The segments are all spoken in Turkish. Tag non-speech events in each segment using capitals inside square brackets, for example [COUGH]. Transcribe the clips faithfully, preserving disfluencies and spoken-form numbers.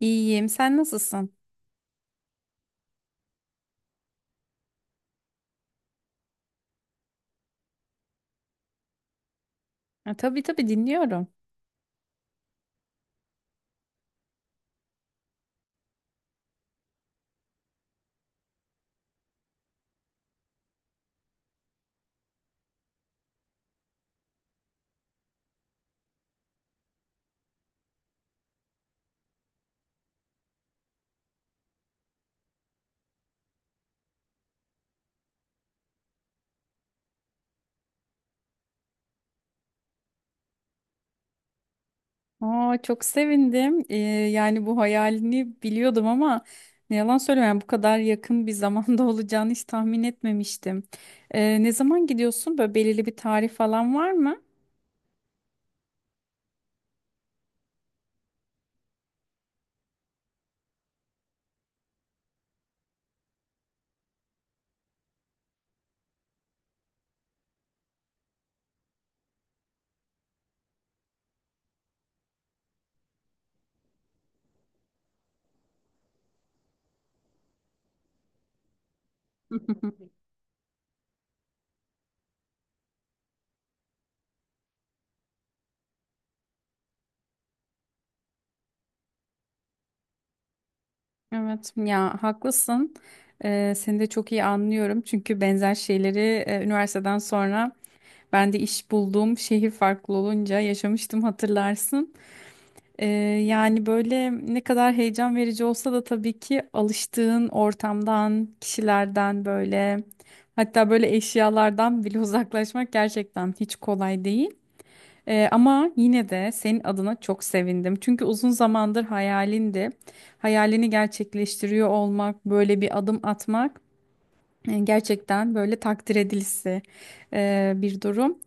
İyiyim. Sen nasılsın? Ha, tabii tabii dinliyorum. Aa, çok sevindim. Ee, yani bu hayalini biliyordum ama ne yalan söyleyeyim, yani bu kadar yakın bir zamanda [LAUGHS] olacağını hiç tahmin etmemiştim. Ee, ne zaman gidiyorsun? Böyle belirli bir tarih falan var mı? [LAUGHS] Evet ya, haklısın. Ee, seni de çok iyi anlıyorum. Çünkü benzer şeyleri e, üniversiteden sonra ben de iş bulduğum şehir farklı olunca yaşamıştım, hatırlarsın. Ee, Yani böyle ne kadar heyecan verici olsa da tabii ki alıştığın ortamdan, kişilerden böyle, hatta böyle eşyalardan bile [LAUGHS] uzaklaşmak gerçekten hiç kolay değil. Ee, ama yine de senin adına çok sevindim. Çünkü uzun zamandır hayalindi. Hayalini gerçekleştiriyor olmak, böyle bir adım atmak e, gerçekten böyle takdir edilisi e, bir durum.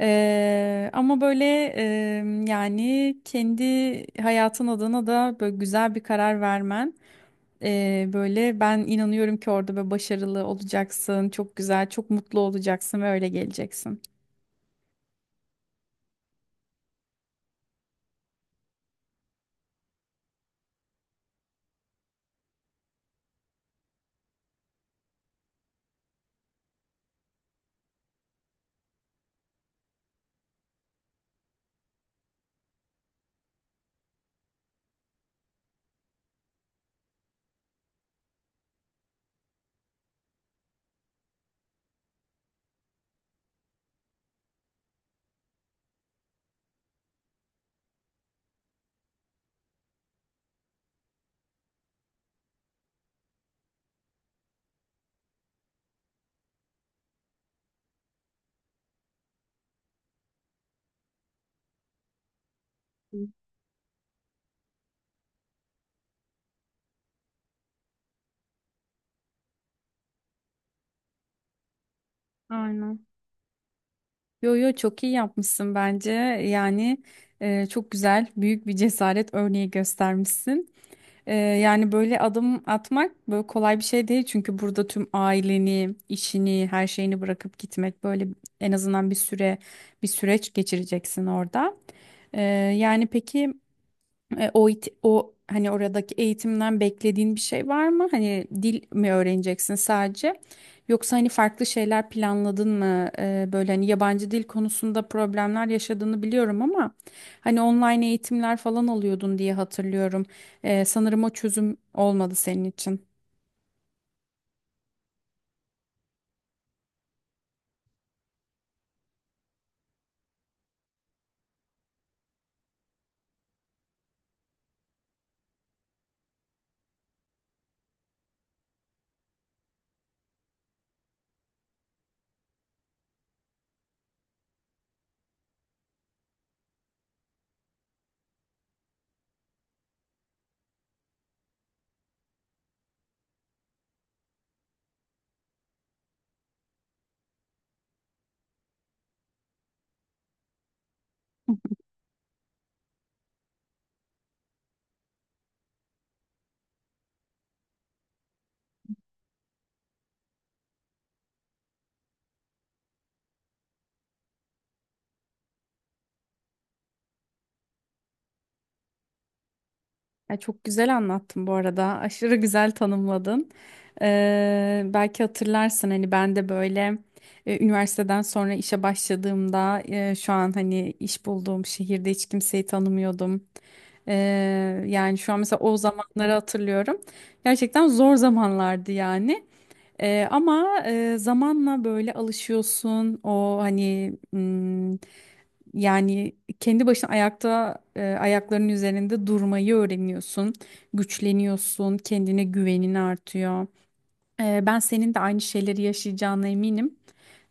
Ee, ama böyle e, yani kendi hayatın adına da böyle güzel bir karar vermen, e, böyle ben inanıyorum ki orada böyle başarılı olacaksın, çok güzel, çok mutlu olacaksın ve öyle geleceksin. Aynen. Yo yo, çok iyi yapmışsın bence. Yani e, çok güzel, büyük bir cesaret örneği göstermişsin. Ee, yani böyle adım atmak böyle kolay bir şey değil, çünkü burada tüm aileni, işini, her şeyini bırakıp gitmek böyle en azından bir süre, bir süreç geçireceksin orada. Ee, Yani peki. E, o it- o, hani oradaki eğitimden beklediğin bir şey var mı? Hani dil mi öğreneceksin sadece? Yoksa hani farklı şeyler planladın mı? E, böyle hani yabancı dil konusunda problemler yaşadığını biliyorum ama hani online eğitimler falan alıyordun diye hatırlıyorum. E, sanırım o çözüm olmadı senin için. Ya çok güzel anlattın bu arada. Aşırı güzel tanımladın. Ee, belki hatırlarsın, hani ben de böyle e, üniversiteden sonra işe başladığımda, e, şu an hani iş bulduğum şehirde hiç kimseyi tanımıyordum. Ee, yani şu an mesela o zamanları hatırlıyorum. Gerçekten zor zamanlardı yani. Ee, ama e, zamanla böyle alışıyorsun. O hani, yani kendi başına ayakta, e, ayaklarının üzerinde durmayı öğreniyorsun, güçleniyorsun, kendine güvenin artıyor. E, ben senin de aynı şeyleri yaşayacağına eminim.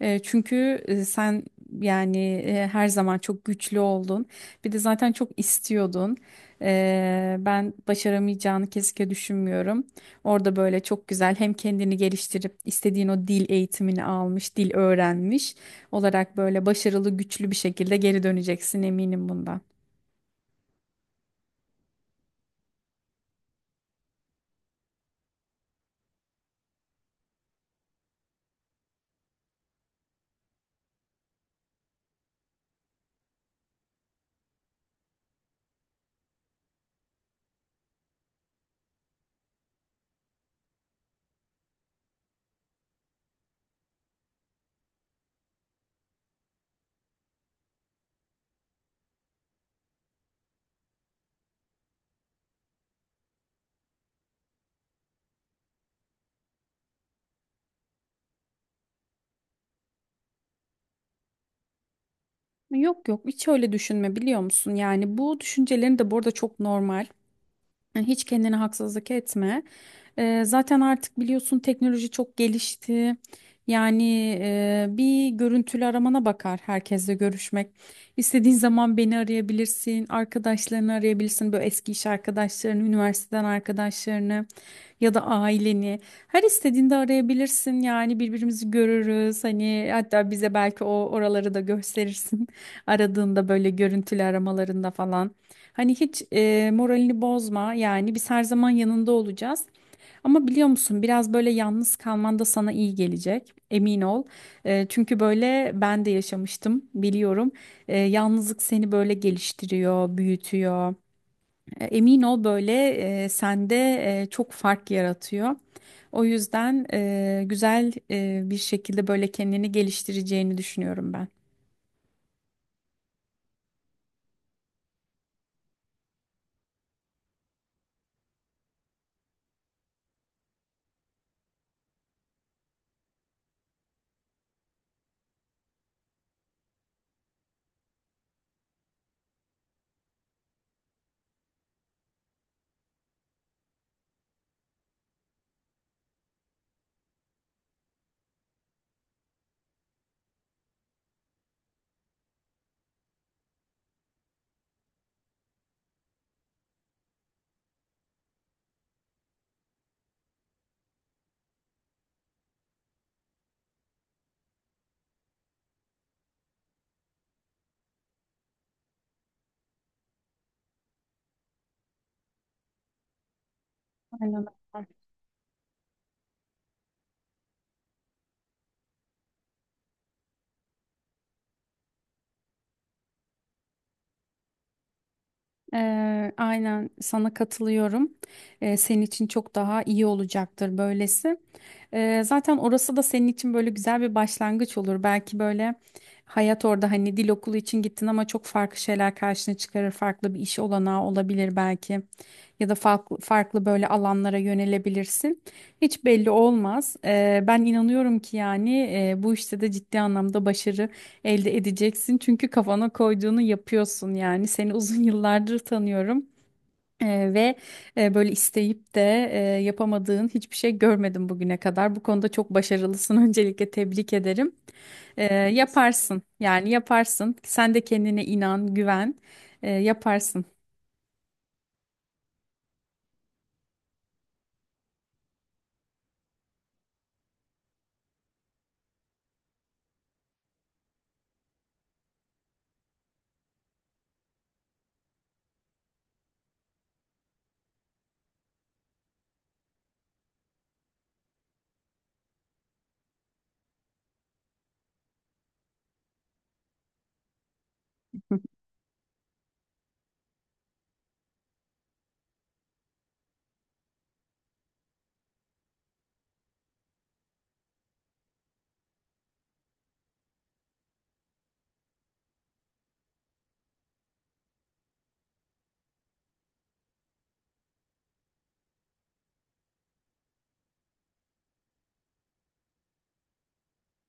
E, çünkü e, sen, yani e, her zaman çok güçlü oldun. Bir de zaten çok istiyordun. E, ben başaramayacağını kesinlikle düşünmüyorum. Orada böyle çok güzel hem kendini geliştirip istediğin o dil eğitimini almış, dil öğrenmiş olarak böyle başarılı, güçlü bir şekilde geri döneceksin, eminim bundan. Yok yok, hiç öyle düşünme, biliyor musun? Yani bu düşüncelerin de bu arada çok normal. Yani hiç kendine haksızlık etme. Eee, zaten artık biliyorsun, teknoloji çok gelişti. Yani eee, bir görüntülü aramana bakar herkesle görüşmek. İstediğin zaman beni arayabilirsin, arkadaşlarını arayabilirsin. Böyle eski iş arkadaşlarını, üniversiteden arkadaşlarını ya da aileni. Her istediğinde arayabilirsin. Yani birbirimizi görürüz. Hani hatta bize belki o oraları da gösterirsin. [LAUGHS] Aradığında böyle görüntülü aramalarında falan. Hani hiç e, moralini bozma, yani biz her zaman yanında olacağız. Ama biliyor musun, biraz böyle yalnız kalman da sana iyi gelecek, emin ol. E, çünkü böyle ben de yaşamıştım, biliyorum. E, yalnızlık seni böyle geliştiriyor, büyütüyor. E, emin ol, böyle e, sende e, çok fark yaratıyor. O yüzden e, güzel e, bir şekilde böyle kendini geliştireceğini düşünüyorum ben. Aynen. Eee, aynen sana katılıyorum. Eee, senin için çok daha iyi olacaktır böylesi. Eee, zaten orası da senin için böyle güzel bir başlangıç olur. Belki böyle hayat orada, hani dil okulu için gittin ama çok farklı şeyler karşına çıkarır. Farklı bir iş olanağı olabilir belki. Ya da farklı, farklı böyle alanlara yönelebilirsin. Hiç belli olmaz. Eee, ben inanıyorum ki, yani eee, bu işte de ciddi anlamda başarı elde edeceksin. Çünkü kafana koyduğunu yapıyorsun yani. Seni uzun [LAUGHS] yıllardır tanıyorum. Ee, ve e, böyle isteyip de e, yapamadığın hiçbir şey görmedim bugüne kadar. Bu konuda çok başarılısın. [LAUGHS] Öncelikle tebrik ederim. Ee, yaparsın, yani yaparsın. Sen de kendine inan, güven. Ee, yaparsın.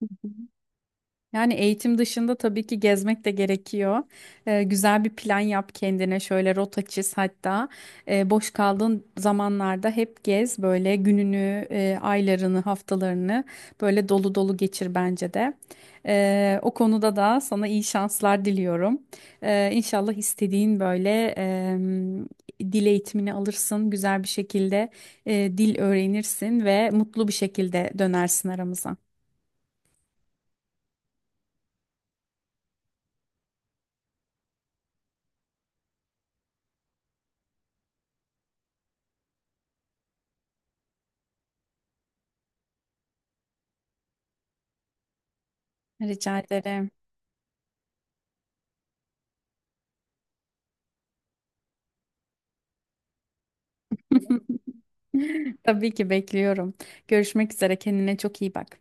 [LAUGHS] Yani eğitim dışında tabii ki gezmek de gerekiyor. Ee, güzel bir plan yap kendine, şöyle rota çiz hatta. Ee, boş kaldığın zamanlarda hep gez, böyle gününü, e, aylarını, haftalarını böyle dolu dolu geçir bence de. Ee, o konuda da sana iyi şanslar diliyorum. Ee, İnşallah istediğin böyle em, dil eğitimini alırsın, güzel bir şekilde e, dil öğrenirsin ve mutlu bir şekilde dönersin aramıza. Rica ederim. [LAUGHS] Tabii ki bekliyorum. Görüşmek üzere. Kendine çok iyi bak.